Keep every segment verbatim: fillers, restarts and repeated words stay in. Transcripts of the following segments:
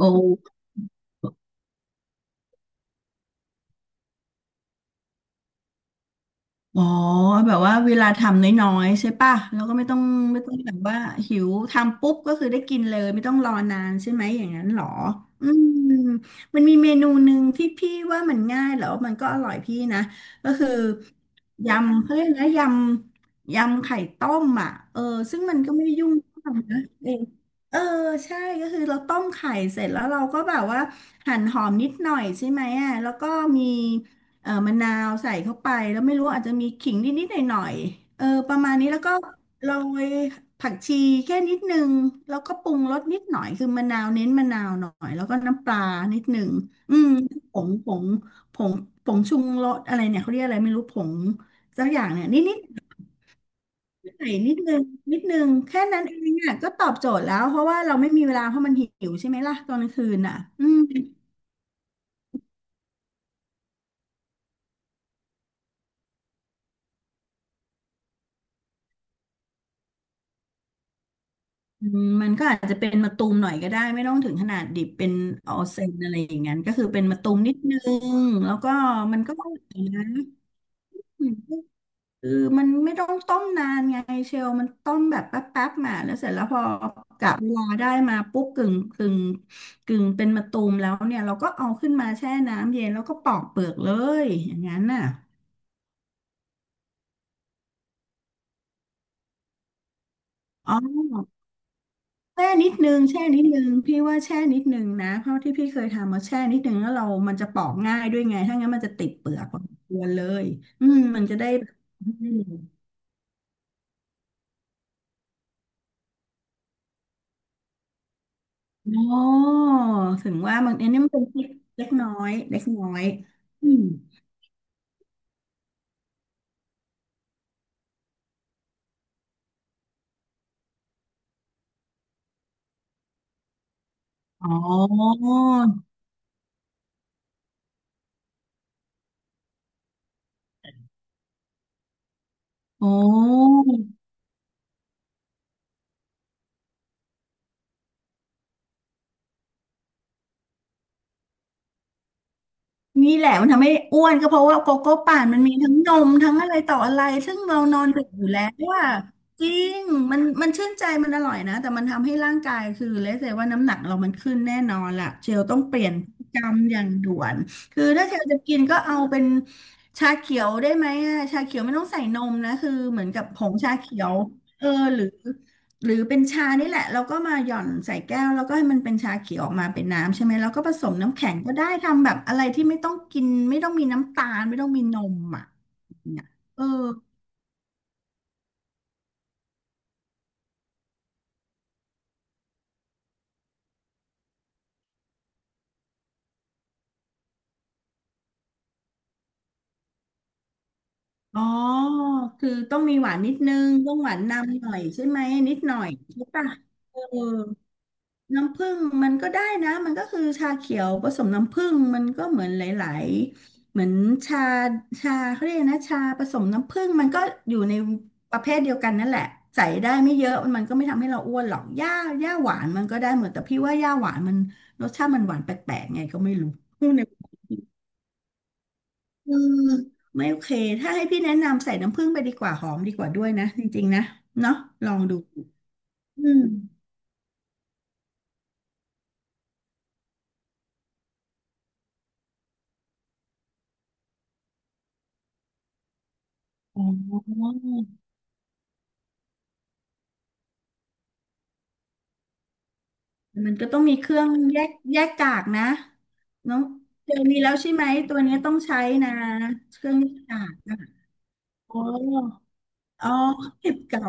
โอ้อ๋อแบบว่าเวลาทำน้อยๆใช่ป่ะแล้วก็ไม่ต้องไม่ต้องแบบว่าหิวทำปุ๊บก็คือได้กินเลยไม่ต้องรอนานใช่ไหมอย่างนั้นเหรออืมมันมีเมนูหนึ่งที่พี่ว่ามันง่ายแล้วมันก็อร่อยพี่นะก็คือยำเขาเรียกนะยำยำไข่ต้มอ่ะเออซึ่งมันก็ไม่ได้ยุ่งยากนะเออเออใช่ก็คือเราต้มไข่เสร็จแล้วเราก็แบบว่าหั่นหอมนิดหน่อยใช่ไหมอ่ะแล้วก็มี เออมะนาวใส่เข้าไปแล้วไม่รู้อาจจะมีขิงนิดๆหน่อยๆเออประมาณนี้แล้วก็โรยผักชีแค่นิดนึงแล้วก็ปรุงรสนิดหน่อยคือมะนาวเน้นมะนาวหน่อยแล้วก็น้ำปลานิดนึงอืมผงผงผงผงชูรสอะไรเนี่ยเขาเรียกอะไรไม่รู้ผงสักอย่างเนี่ยนิดๆใส่นิดนึงนิดนึงแค่นั้นเองอ่ะก็ตอบโจทย์แล้วเพราะว่าเราไม่มีเวลาเพราะมันหิวใช่ไหมล่ะตอนกลางคืนอ่ะอืม อืมมันก็อาจจะเป็นมะตูมหน่อยก็ได้ไม่ต้องถึงขนาดดิบเป็นออเซนอะไรอย่างนั้นก็คือเป็นมะตูมนิดนึงแล้วก็มันก็อร่อยนะอืมคือมันไม่ต้องต้มนานไงเชลมันต้มแบบแป๊บแป๊บมาแล้วเสร็จแล้วพอกะเวลาได้มาปุ๊บกึ่งกึ่งกึ่งเป็นมะตูมแล้วเนี่ยเราก็เอาขึ้นมาแช่น้ำเย็นแล้วก็ปอกเปลือกเลยอย่างนั้นน่ะอ๋อ แช่นิดนึงแช่นิดนึงพี่ว่าแช่นิดนึงนะเพราะที่พี่เคยทำมาแช่นิดนึงแล้วเรามันจะปอกง่ายด้วยไงถ้างั้นมันจะติดเปลือกพอสมควรเลยอืมมันจะได้แบบอืมอ๋อถึงว่ามันอันนี้มันเป็นเล็กเล็กน้อยเล็กน้อยอืมอ๋อโอ้ นี่แหละมันทำให้อ้วนก็เพราะว่าโกโก้ป่านมันมีทั้งนมทั้งอะไรต่ออะไรซึ่งเรานอนดึกอยู่แล้วว่าจริงมันมันชื่นใจมันอร่อยนะแต่มันทำให้ร่างกายคือเลเซว่าน้ำหนักเรามันขึ้นแน่นอนล่ะเชลต้องเปลี่ยนพฤติกรรมอย่างด่วนคือถ้าเชลจะกินก็เอาเป็นชาเขียวได้ไหมอะชาเขียวไม่ต้องใส่นมนะคือเหมือนกับผงชาเขียวเออหรือ หรือเป็นชานี่แหละเราก็มาหย่อนใส่แก้วแล้วก็ให้มันเป็นชาเขียวออกมาเป็นน้ำใช่ไหมแล้วก็ผสมน้ำแข็งก็ได้ทำแบบอะไรที่ไม่ต้องกินไม่ต้องมีน้ำตาลไม่ต้องมีนมอ่ะเนี่ยเอออ๋อคือต้องมีหวานนิดนึงต้องหวานนำหน่อยใช่ไหมนิดหน่อยใช่ปะเออ น้ำผึ้งมันก็ได้นะมันก็คือชาเขียวผสมน้ำผึ้งมันก็เหมือนหลายๆเหมือนชาชาเขาเรียกนะชาผสมน้ำผึ้งมันก็อยู่ในประเภทเดียวกันนั่นแหละใส่ได้ไม่เยอะมันก็ไม่ทำให้เราอ้วนหรอกหญ้าหญ้าหวานมันก็ได้หมดแต่พี่ว่าหญ้าหวานมันรสชาติมันหวานแปลกๆไงก็ไม่รู้ในเออไม่โอเคถ้าให้พี่แนะนำใส่น้ำผึ้งไปดีกว่าหอมดีกว่าด้วยนะจริงๆนะเนาะลองดูอืม มันก็ต้องมีเครื่องแยกแยกกากนะน้องเจอมีแล้วใช่ไหมตัวนี้ต้องใช้นะเครื่องแยกกากนะโอ้อ๋อเก็บเก่า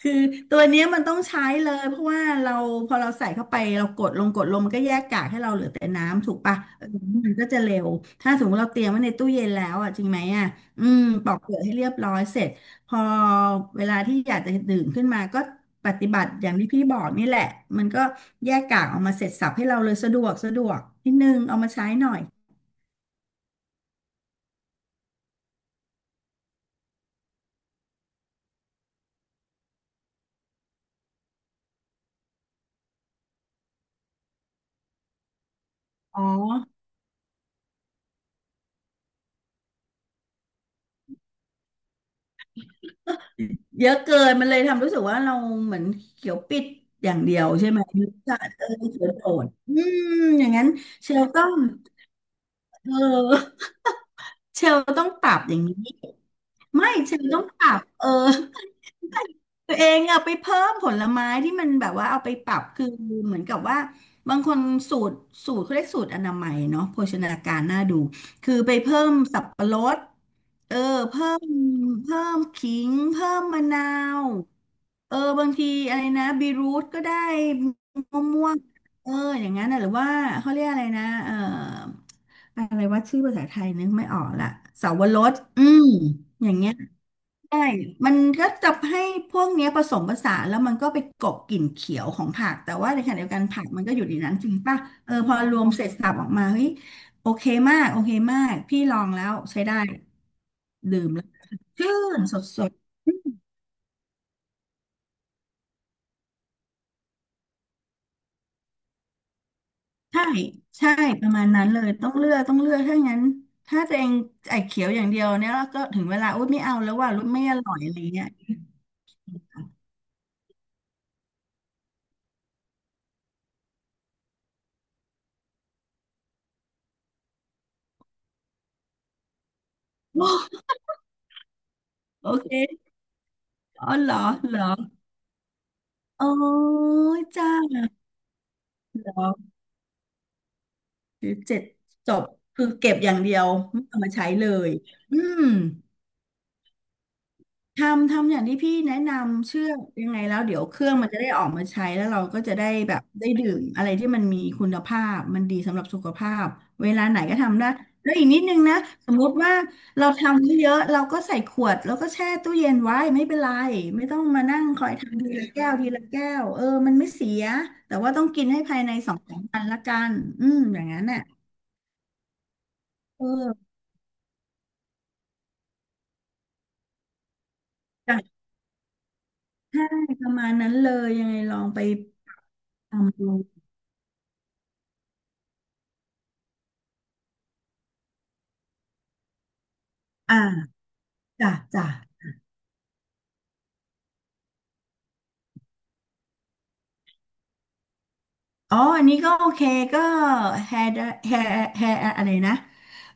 คือตัวเนี้ยมันต้องใช้เลยเพราะว่าเราพอเราใส่เข้าไปเรากดลงกดลงมันก็แยกกากให้เราเหลือแต่น้ำถูกปะเออมันก็จะเร็วถ้าสมมติเราเตรียมไว้ในตู้เย็นแล้วอ่ะจริงไหมอ่ะอืมปอกเปลือกให้เรียบร้อยเสร็จพอเวลาที่อยากจะดื่มขึ้นมาก็ปฏิบัติอย่างที่พี่บอกนี่แหละมันก็แยกกากออกมาเสร็จสรรพให้เราเลยสะดวกสะดวกนิดนึงเอามาใช้หน่อยอ๋อ เยอะเกินมันเลยทำรู้สึกว่าเราเหมือนเขียวปิดอย่างเดียวใช่ไหมจะเออเขียวโดดอืมอย่างนั้นเชลต้องเออเชลต้องปรับอย่างนี้ไม่เชลต้องปรับเออ ตัวเองเอาไปเพิ่มผลไม้ที่มันแบบว่าเอาไปปรับคือเหมือนกับว่าบางคนสูตรสูตรเขาเรียกสูตรอนามัยเนาะโภชนาการน่าดูคือไปเพิ่มสับปะรดเออเพิ่มเพิ่มขิงเพิ่มมะนาวเออบางทีอะไรนะบีรูทก็ได้มะม่วงเอออย่างนั้นนะหรือว่าเขาเรียกอะไรนะเอออะไรว่าชื่อภาษาไทยนึกไม่ออกละเสาวรสอืมอย่างเงี้ย ใช่มันก็จะให้พวกเนี้ยผสมผสานแล้วมันก็ไปกลบกลิ่นเขียวของผักแต่ว่าในขณะเดียวกันผักมันก็อยู่ในนั้นจริงป่ะเออพอรวมเสร็จสรรพออกมาเฮ้ยโอเคมากโอเคมากพี่ลองแล้วใช้ได้ดื่มแล้วชื่นสดสดใช่ใช่ประมาณนั้นเลยต้องเลือกต้องเลือกถ้างั้นถ้าตัวเองไอ้เขียวอย่างเดียวเนี่ยแล้วก็ถึงเวลาอุ้ยไม่เอาแล้วว่ารู้ไม่อร่อยอะไรเงี้ยโอเคอ๋อเหรอเหรอโอ้ยจ้าเหรอ หรือเจ็ดจบคือเก็บอย่างเดียวไม่เอามาใช้เลยอืมทำทำอย่างที่พี่แนะนำเชื่อยังไงแล้วเดี๋ยวเครื่องมันจะได้ออกมาใช้แล้วเราก็จะได้แบบได้ดื่มอะไรที่มันมีคุณภาพมันดีสำหรับสุขภาพเวลาไหนก็ทำได้แล้วอีกนิดนึงนะสมมติว่าเราทำไม่เยอะเราก็ใส่ขวดแล้วก็แช่ตู้เย็นไว้ไม่เป็นไรไม่ต้องมานั่งคอยทำทีละแก้วทีละแก้วเออมันไม่เสียแต่ว่าต้องกินให้ภายในสองสามวันละกันอืมอย่างนั้นน่ะเออ ใช่ประมาณนั้นเลยยังไงลองไปทำดูอ่าจ้ะจ้ะอ๋ออันนี้ก็โอเคก็แฮร์แฮร์แฮร์อะไรนะ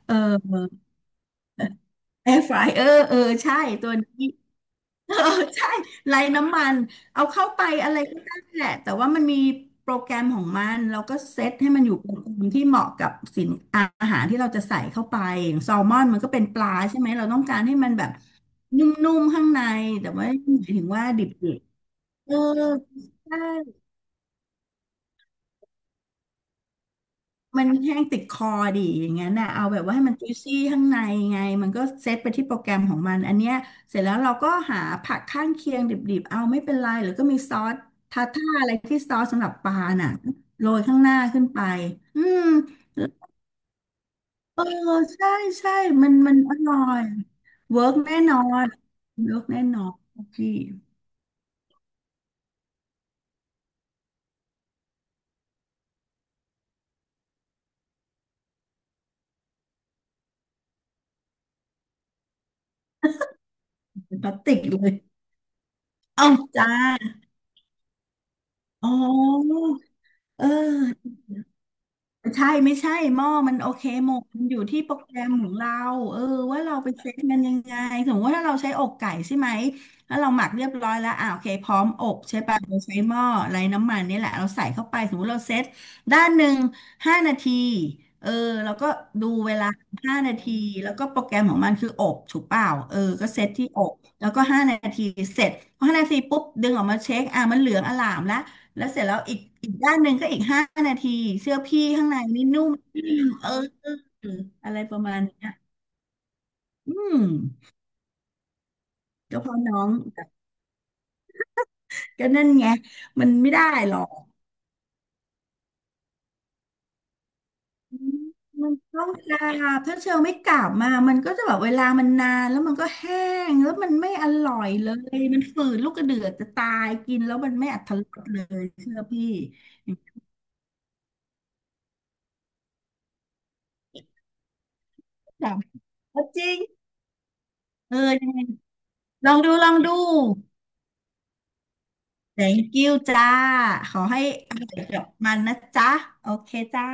เออแอร์ฟรายเออเออใช่ตัวนี้ เออใช่ไร้น้ำมันเอาเข้าไปอะไรก็ได้แหละแต่ว่ามันมีโปรแกรมของมันเราก็เซตให้มันอยู่เป็นกลุ่มที่เหมาะกับสินอาอาหารที่เราจะใส่เข้าไปอย่างแซลมอนมันก็เป็นปลาใช่ไหมเราต้องการให้มันแบบนุ่มๆข้างในแต่ว่าหมายถึงว่าดิบ เออใช่มันแห้งติดคอดิอย่างงั้นน่ะเอาแบบว่าให้มันจุยซี่ข้างในไงมันก็เซตไปที่โปรแกรมของมันอันเนี้ยเสร็จแล้วเราก็หาผักข้างเคียงดิบๆ เอาไม่เป็นไรหรือก็มีซอสทาท่าอะไรที่ซอสสำหรับปลาน่ะโรยข้างหน้าขึ้นไปอืมเออใช่ใช่มันมันอร่อยเวิร์กแน่นอนเวิร์กแน่นอนพี่เป็นพลาสติกเลยเอ้าจ้าอ๋อเออ ใช่ไม่ใช่หม้อมันโอเคหมดมันอยู่ที่โปรแกรมของเราเออว่าเราไปเซ็ตมันยังไงสมมติว่าถ้าเราใช้อกไก่ใช่ไหมแล้วเราหมักเรียบร้อยแล้วอ่าโอเคพร้อมอบใช่ป่ะเราใช้หม้อไร้น้ำมันนี่แหละเราใส่เข้าไปสมมติเราเซ็ตด้านหนึ่งห้านาทีเออแล้วก็ดูเวลาห้านาทีแล้วก็โปรแกรมของมันคืออบถูกเปล่าเออก็เซ็ตที่อบแล้วก็ห้านาทีเสร็จพอห้านาทีปุ๊บดึงออกมาเช็คอ่ะมันเหลืองอล่ามละ แล้วเสร็จแล้วอีกอีกด้านหนึ่งก็อีกห้านาทีเสื้อพี่ข้างในนี่นุ่มเอออะไรประมาณเนี้ยอืมก็เพราะน้องก็นั่นไงมันไม่ได้หรอกอืมมันต้องกราบถ้าเชลไม่กราบมามันก็จะแบบเวลามันนานแล้วมันก็แห้งแล้วมันไม่อร่อยเลยมันฝืดลูกกระเดือกจะตายกินแล้วมันไม่อรรถรสเลยเชื่อพี่อย่างนี้กราบก็จริงเออยังไงลองดูลองดู thank you จ้าขอให้อร่อยกับมันนะจ๊ะโอเคจ้า